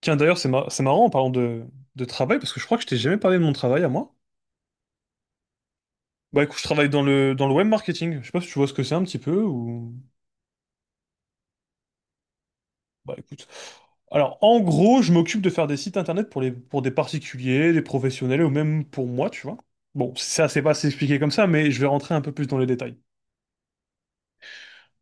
Tiens, d'ailleurs, c'est marrant en parlant de travail, parce que je crois que je t'ai jamais parlé de mon travail à moi. Bah écoute, je travaille dans le web marketing. Je sais pas si tu vois ce que c'est un petit peu ou. Bah écoute. Alors, en gros, je m'occupe de faire des sites internet pour des particuliers, des professionnels ou même pour moi, tu vois. Bon, ça, c'est pas assez expliqué comme ça, mais je vais rentrer un peu plus dans les détails.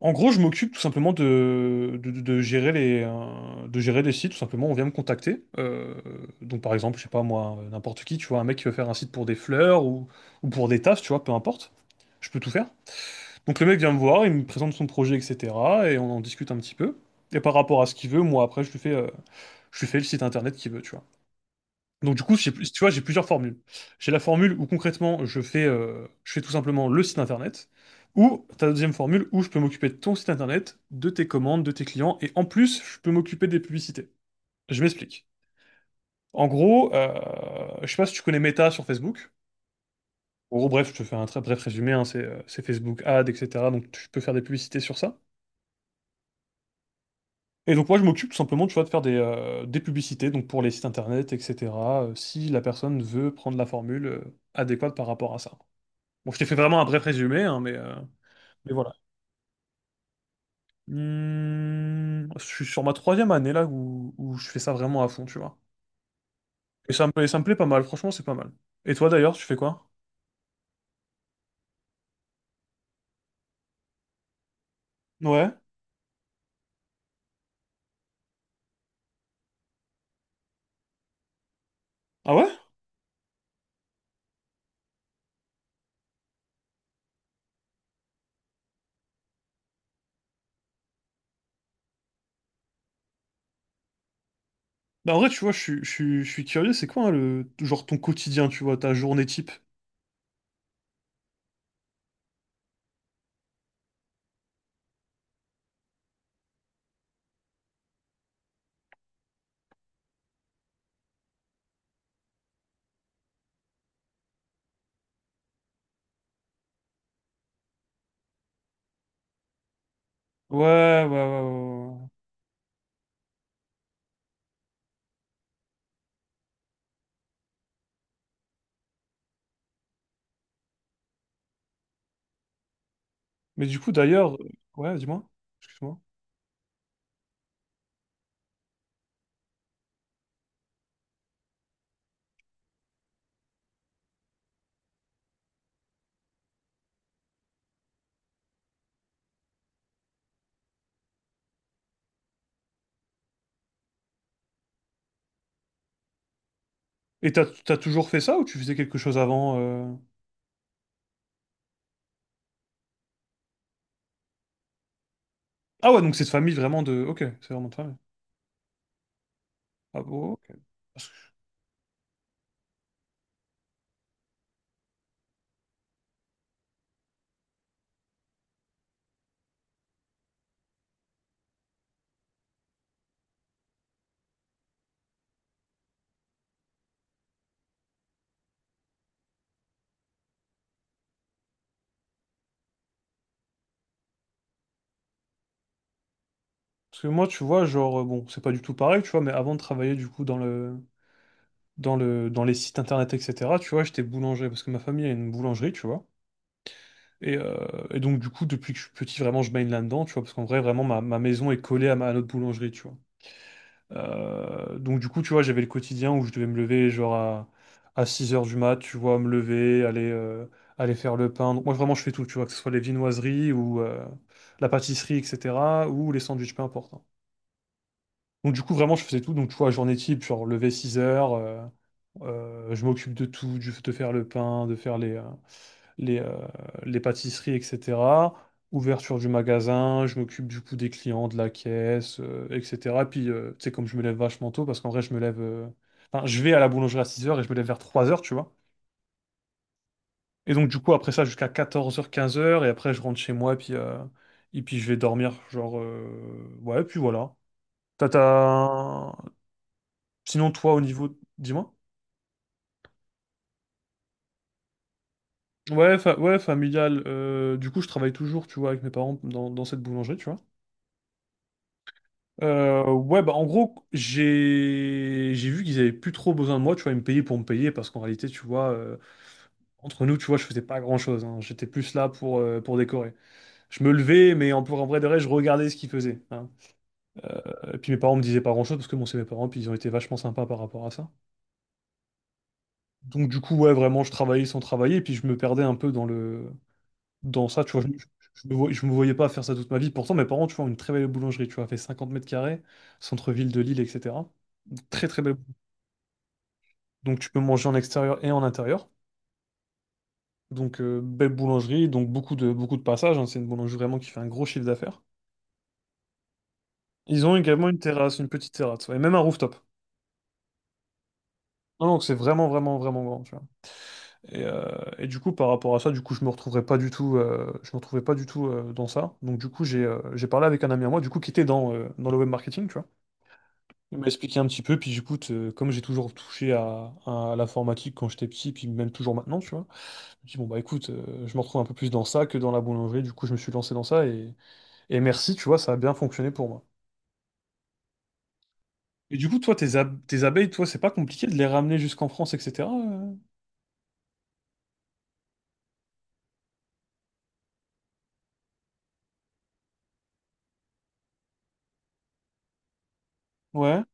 En gros, je m'occupe tout simplement de gérer les sites. Tout simplement, on vient me contacter. Donc, par exemple, je sais pas moi, n'importe qui, tu vois, un mec qui veut faire un site pour des fleurs ou pour des tasses, tu vois, peu importe. Je peux tout faire. Donc, le mec vient me voir, il me présente son projet, etc. Et on en discute un petit peu. Et par rapport à ce qu'il veut, moi, après, je lui fais le site internet qu'il veut, tu vois. Donc du coup, tu vois, j'ai plusieurs formules. J'ai la formule où concrètement, je fais tout simplement le site internet, ou ta deuxième formule où je peux m'occuper de ton site internet, de tes commandes, de tes clients, et en plus, je peux m'occuper des publicités. Je m'explique. En gros, je sais pas si tu connais Meta sur Facebook. En gros, bref, je te fais un très bref résumé, hein, c'est Facebook Ads, etc. Donc tu peux faire des publicités sur ça. Et donc moi, je m'occupe tout simplement, tu vois, de faire des publicités, donc pour les sites internet, etc. Si la personne veut prendre la formule adéquate par rapport à ça. Bon, je t'ai fait vraiment un bref résumé, hein, mais voilà. Je suis sur ma troisième année là où je fais ça vraiment à fond, tu vois. Et ça me plaît pas mal, franchement, c'est pas mal. Et toi d'ailleurs, tu fais quoi? Ouais. Ah ouais? Bah, en vrai, tu vois, je suis curieux, c'est quoi, hein, le genre, ton quotidien, tu vois, ta journée type? Ouais, ouais, ouais, ouais, ouais. Mais du coup, d'ailleurs, ouais, dis-moi, excuse-moi. Et t'as toujours fait ça ou tu faisais quelque chose avant? Ah ouais, donc c'est de famille vraiment de. Ok, c'est vraiment de famille. Ah bon, ok. Parce que moi, tu vois, genre, bon, c'est pas du tout pareil, tu vois, mais avant de travailler, du coup, dans les sites internet, etc., tu vois, j'étais boulanger, parce que ma famille a une boulangerie, tu vois. Et, euh, et donc, du coup, depuis que je suis petit, vraiment, je baigne là-dedans, tu vois, parce qu'en vrai, vraiment, ma maison est collée à notre boulangerie, tu vois. Donc, du coup, tu vois, j'avais le quotidien où je devais me lever, genre, à 6 heures du mat, tu vois, me lever, aller faire le pain. Donc, moi, vraiment, je fais tout, tu vois, que ce soit les viennoiseries ou la pâtisserie, etc., ou les sandwichs, peu importe, hein. Donc du coup, vraiment, je faisais tout. Donc tu vois, journée type, genre lever 6 heures, je m'occupe de tout, de faire le pain, de faire les, euh, les pâtisseries, etc. Ouverture du magasin, je m'occupe du coup des clients, de la caisse, etc. Puis, tu sais, comme je me lève vachement tôt, parce qu'en vrai, je me lève. Enfin, je vais à la boulangerie à 6 heures et je me lève vers 3 heures, tu vois. Et donc du coup, après ça, jusqu'à 14 heures 15 heures et après, je rentre chez moi, et puis je vais dormir, genre, ouais, puis voilà. Tata. Sinon, toi, dis-moi. Ouais, familial. Du coup, je travaille toujours, tu vois, avec mes parents dans cette boulangerie, tu vois. Ouais, bah en gros, j'ai vu qu'ils avaient plus trop besoin de moi, tu vois, ils me payaient pour me payer, parce qu'en réalité, tu vois, entre nous, tu vois, je faisais pas grand-chose, hein. J'étais plus là pour décorer. Je me levais, mais en vrai de vrai, je regardais ce qu'ils faisaient, hein. Puis mes parents me disaient pas grand-chose, parce que bon, c'est mes parents, puis ils ont été vachement sympas par rapport à ça. Donc du coup, ouais, vraiment, je travaillais sans travailler, et puis je me perdais un peu. Dans ça, tu vois, je me voyais pas faire ça toute ma vie. Pourtant, mes parents, tu vois, ont une très belle boulangerie, tu vois, fait 50 mètres carrés, centre-ville de Lille, etc. Très, très belle. Donc, tu peux manger en extérieur et en intérieur. Donc, belle boulangerie, donc beaucoup de passages, hein. C'est une boulangerie vraiment qui fait un gros chiffre d'affaires. Ils ont également une terrasse, une petite terrasse, ouais, et même un rooftop. Non, donc c'est vraiment, vraiment, vraiment grand, tu vois. Et, euh, et du coup, par rapport à ça, du coup, je me retrouvais pas du tout dans ça. Donc, du coup, j'ai parlé avec un ami à moi, du coup, qui était dans le web marketing, tu vois. Il m'a expliqué un petit peu, puis j'écoute, comme j'ai toujours touché à l'informatique quand j'étais petit, puis même toujours maintenant, tu vois, je me dis, bon, bah écoute, je me retrouve un peu plus dans ça que dans la boulangerie, du coup, je me suis lancé dans ça, et merci, tu vois, ça a bien fonctionné pour moi. Et du coup, toi, tes abeilles, toi, c'est pas compliqué de les ramener jusqu'en France, etc. Ouais,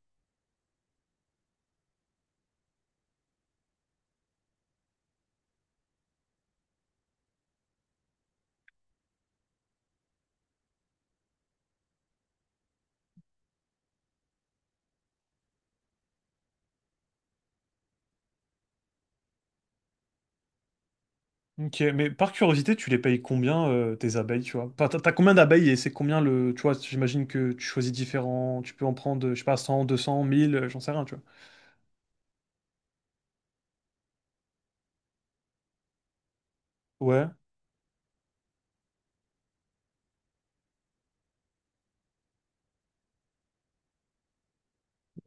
ok, mais par curiosité, tu les payes combien, tes abeilles, tu vois? Enfin, t'as combien d'abeilles et c'est combien le. Tu vois, j'imagine que tu choisis différents, tu peux en prendre, je sais pas, 100, 200, 1000, j'en sais rien, tu vois. Ouais,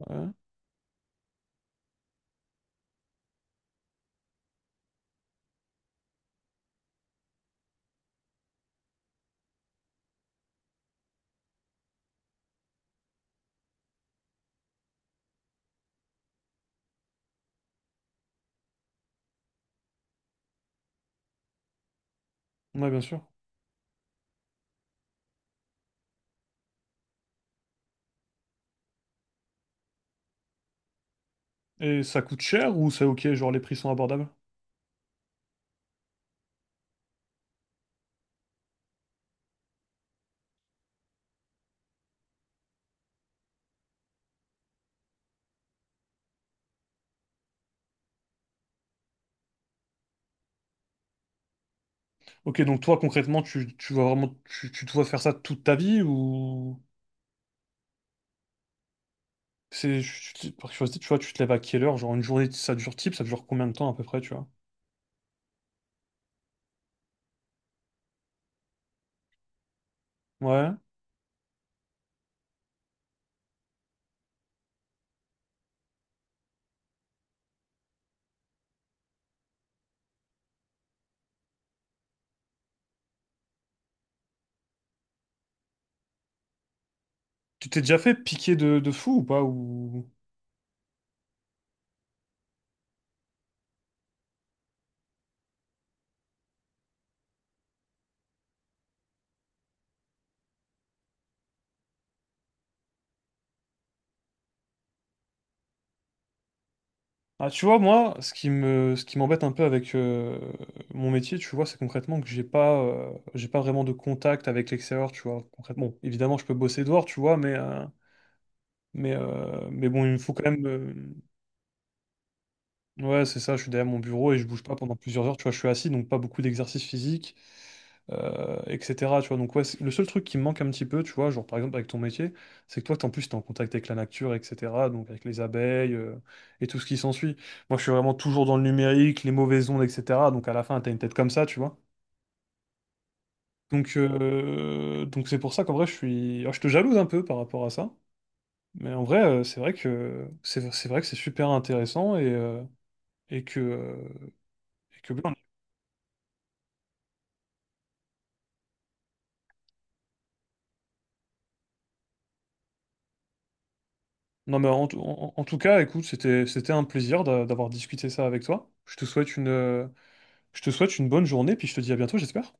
ouais, ouais, bien sûr. Et ça coûte cher ou c'est ok, genre les prix sont abordables? Ok, donc toi concrètement, tu vas vraiment, tu te vois faire ça toute ta vie ou c'est, tu- tu- Par curiosité, tu vois, tu te lèves à quelle heure? Genre une journée, ça dure type, ça dure combien de temps à peu près, tu vois? Ouais. Tu t'es déjà fait piquer de fou ou pas. Ah, tu vois, moi, ce qui m'embête un peu avec mon métier, tu vois, c'est concrètement que j'ai pas vraiment de contact avec l'extérieur, tu vois. Concrètement, bon, évidemment, je peux bosser dehors, tu vois, mais bon, il me faut quand même. Ouais, c'est ça, je suis derrière mon bureau et je bouge pas pendant plusieurs heures, tu vois, je suis assis, donc pas beaucoup d'exercice physique, etc. Tu vois, donc ouais, le seul truc qui me manque un petit peu, tu vois, genre par exemple avec ton métier, c'est que toi, en plus, t'es en contact avec la nature, etc., donc avec les abeilles, et tout ce qui s'ensuit. Moi, je suis vraiment toujours dans le numérique, les mauvaises ondes, etc., donc à la fin, t'as une tête comme ça, tu vois. Donc c'est pour ça qu'en vrai, alors, je te jalouse un peu par rapport à ça, mais en vrai, c'est vrai que c'est vrai que c'est super intéressant et que... euh, et que Non, mais en tout cas, écoute, c'était un plaisir d'avoir discuté ça avec toi. Je te souhaite une, je te souhaite une bonne journée, puis je te dis à bientôt, j'espère.